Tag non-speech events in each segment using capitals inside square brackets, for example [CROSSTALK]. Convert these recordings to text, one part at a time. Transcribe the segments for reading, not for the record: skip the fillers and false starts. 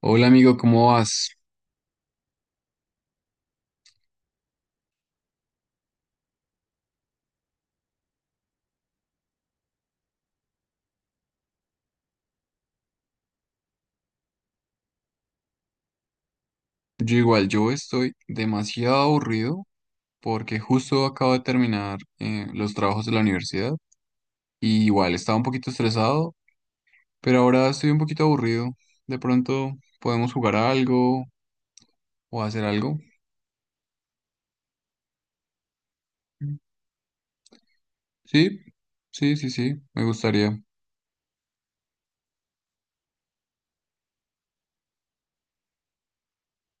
Hola amigo, ¿cómo vas? Yo igual, yo estoy demasiado aburrido porque justo acabo de terminar los trabajos de la universidad y igual estaba un poquito estresado, pero ahora estoy un poquito aburrido. De pronto podemos jugar a algo o hacer algo. Sí, sí, sí, sí, me gustaría.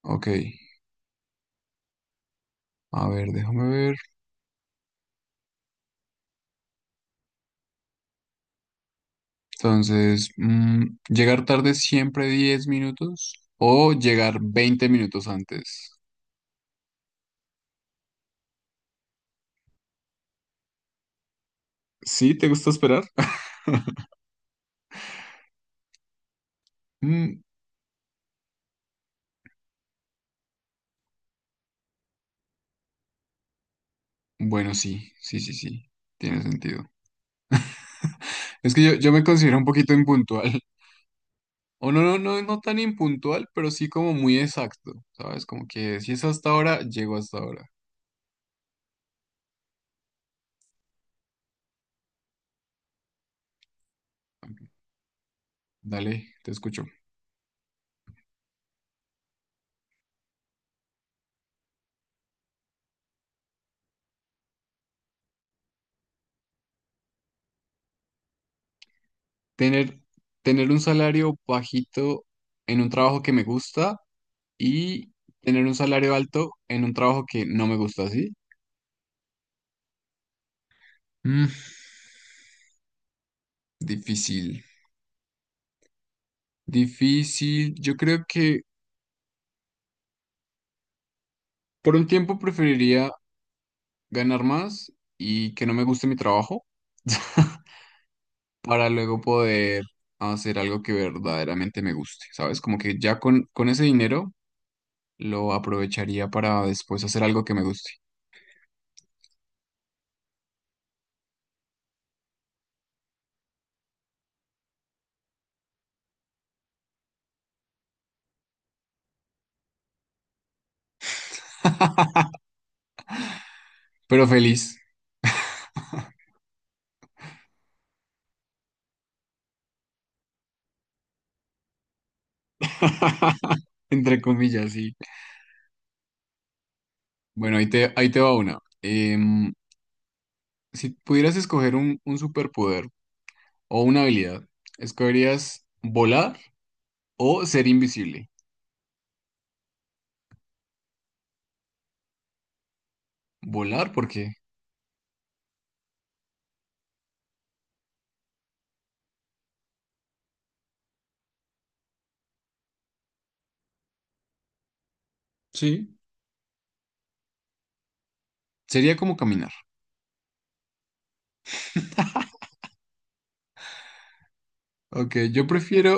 Ok, a ver, déjame ver. Entonces, llegar tarde siempre 10 minutos o llegar 20 minutos antes. ¿Sí? ¿Te gusta esperar? [LAUGHS] Bueno, sí, sí, sí, sí, tiene sentido. Es que yo me considero un poquito impuntual. [LAUGHS] O no, no, no, no tan impuntual, pero sí como muy exacto, ¿sabes? Como que si es hasta ahora, llego hasta ahora. Dale, te escucho. Tener, tener un salario bajito en un trabajo que me gusta y tener un salario alto en un trabajo que no me gusta, ¿sí? Mm, difícil, difícil. Yo creo que por un tiempo preferiría ganar más y que no me guste mi trabajo [LAUGHS] para luego poder hacer algo que verdaderamente me guste, ¿sabes? Como que ya con ese dinero lo aprovecharía para después hacer algo que me guste, pero feliz, [LAUGHS] entre comillas, sí. Bueno, ahí te va una. Si pudieras escoger un superpoder o una habilidad, ¿escogerías volar o ser invisible? Volar porque sí, sería como caminar. Ok, yo prefiero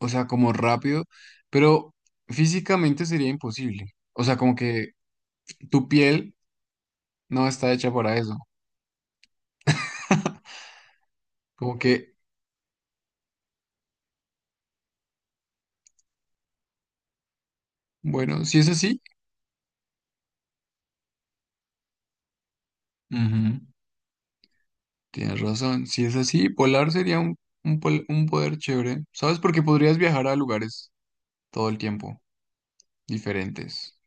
o sea, como rápido, pero físicamente sería imposible. O sea, como que tu piel no está hecha para eso. [LAUGHS] Como que, bueno, si es así, ujú, tienes razón. Si es así, volar sería un poder chévere, ¿sabes? Porque podrías viajar a lugares todo el tiempo, diferentes.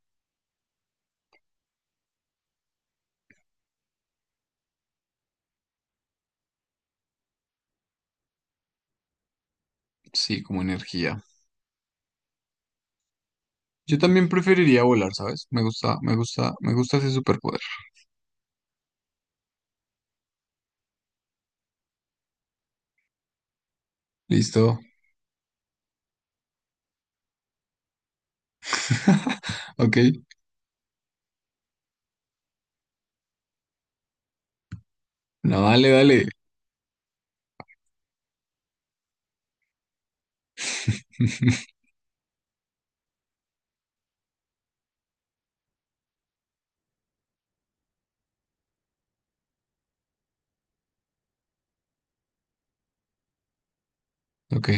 Sí, como energía. Yo también preferiría volar, ¿sabes? Me gusta, me gusta, me gusta ese superpoder. Listo. [LAUGHS] Ok. No, dale, dale. [LAUGHS] Ok.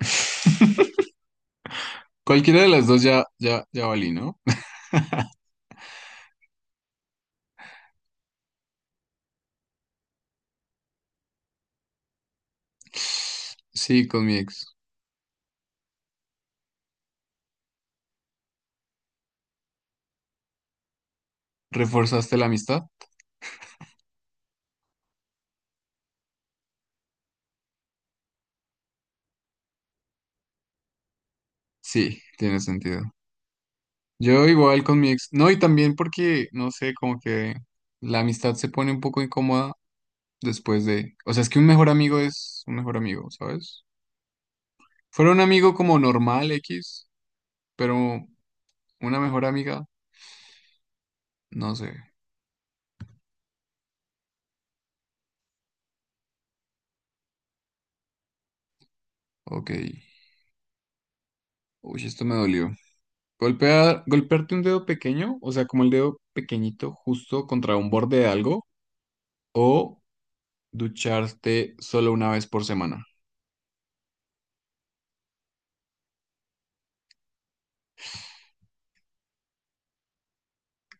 [LAUGHS] Cualquiera de las dos ya, ya, ya valí, ¿no? Sí, con mi ex. ¿Reforzaste la amistad? Sí, tiene sentido. Yo igual con mi ex. No, y también porque, no sé, como que la amistad se pone un poco incómoda después de... O sea, es que un mejor amigo es un mejor amigo, ¿sabes? Fuera un amigo como normal X, pero una mejor amiga, no sé. Ok. Uy, esto me dolió. Golpearte un dedo pequeño, o sea, como el dedo pequeñito justo contra un borde de algo, o ducharte solo una vez por semana.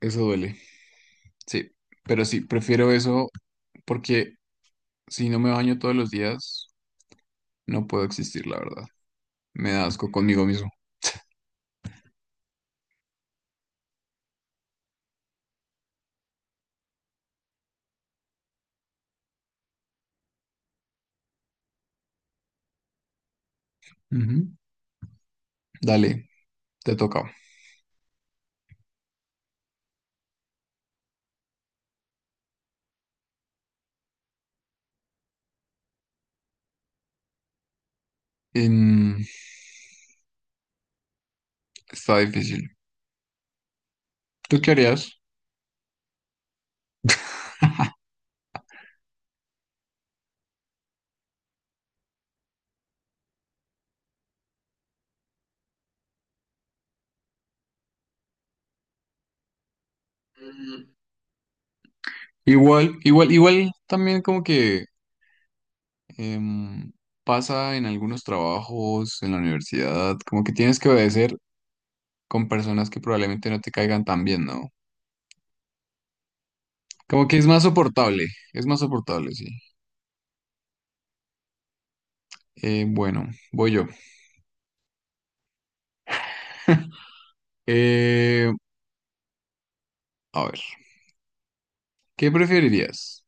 Eso duele. Sí, pero sí, prefiero eso porque si no me baño todos los días, no puedo existir, la verdad. Me da asco conmigo mismo. Ujú. Dale, te toca. Em, Está difícil. ¿Tú qué harías? Mm, Igual, igual, igual también como que Em, pasa en algunos trabajos en la universidad, como que tienes que obedecer con personas que probablemente no te caigan tan bien, ¿no? Como que es más soportable, sí. Bueno, voy yo. [LAUGHS] Eh, a ver, ¿qué preferirías?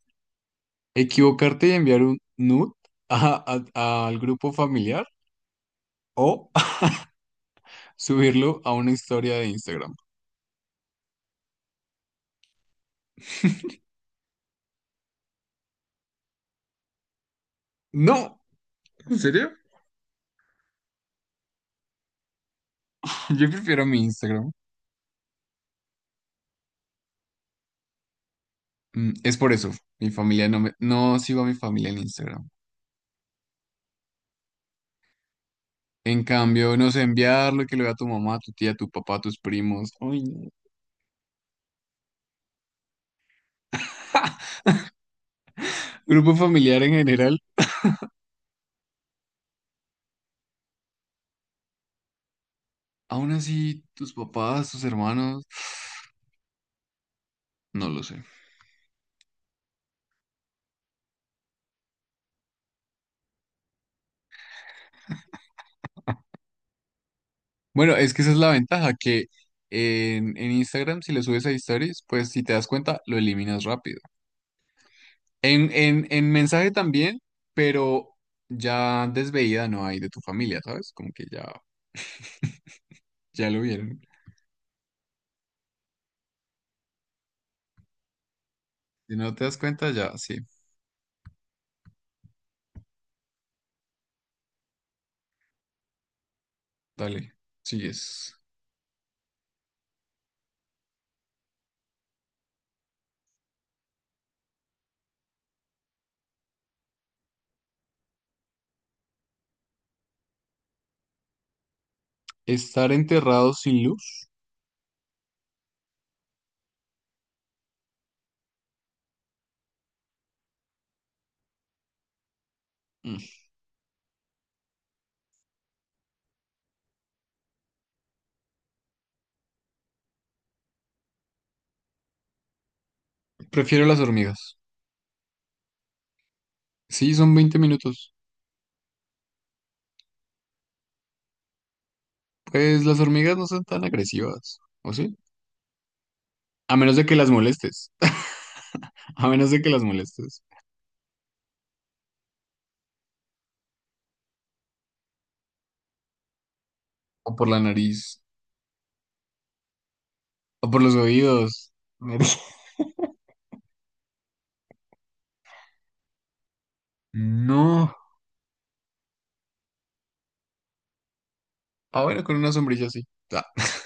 ¿Equivocarte y enviar un nude a- al grupo familiar o [LAUGHS] subirlo a una historia de Instagram? [LAUGHS] No, ¿en serio? [LAUGHS] Yo prefiero mi Instagram. Es por eso, mi familia no me, no sigo a mi familia en Instagram. En cambio, no sé, enviarlo y que lo vea tu mamá, tu tía, tu papá, tus primos. Uy, no. Grupo familiar en general. Aún así, tus papás, tus hermanos, [SIGHS] no lo sé. Bueno, es que esa es la ventaja, que en Instagram, si le subes a stories, pues si te das cuenta, lo eliminas rápido. En mensaje también, pero ya desveída no hay de tu familia, ¿sabes? Como que ya, ya lo vieron. Si no te das cuenta, ya, sí, dale, sigues. Estar enterrado sin luz. Mm. Prefiero las hormigas. Sí, son 20 minutos. Pues las hormigas no son tan agresivas, ¿o sí? A menos de que las molestes. [LAUGHS] A menos de que las molestes. O por la nariz. O por los oídos. [LAUGHS] Nariz. No. Ah, bueno, con una sombrilla sí. Ah, [LAUGHS]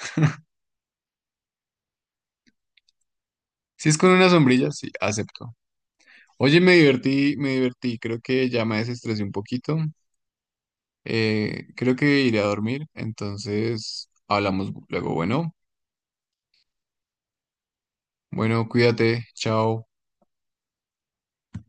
si es con una sombrilla, sí, acepto. Oye, me divertí, me divertí. Creo que ya me desestresé un poquito. Creo que iré a dormir. Entonces, hablamos luego. Bueno, bueno, cuídate. Chao.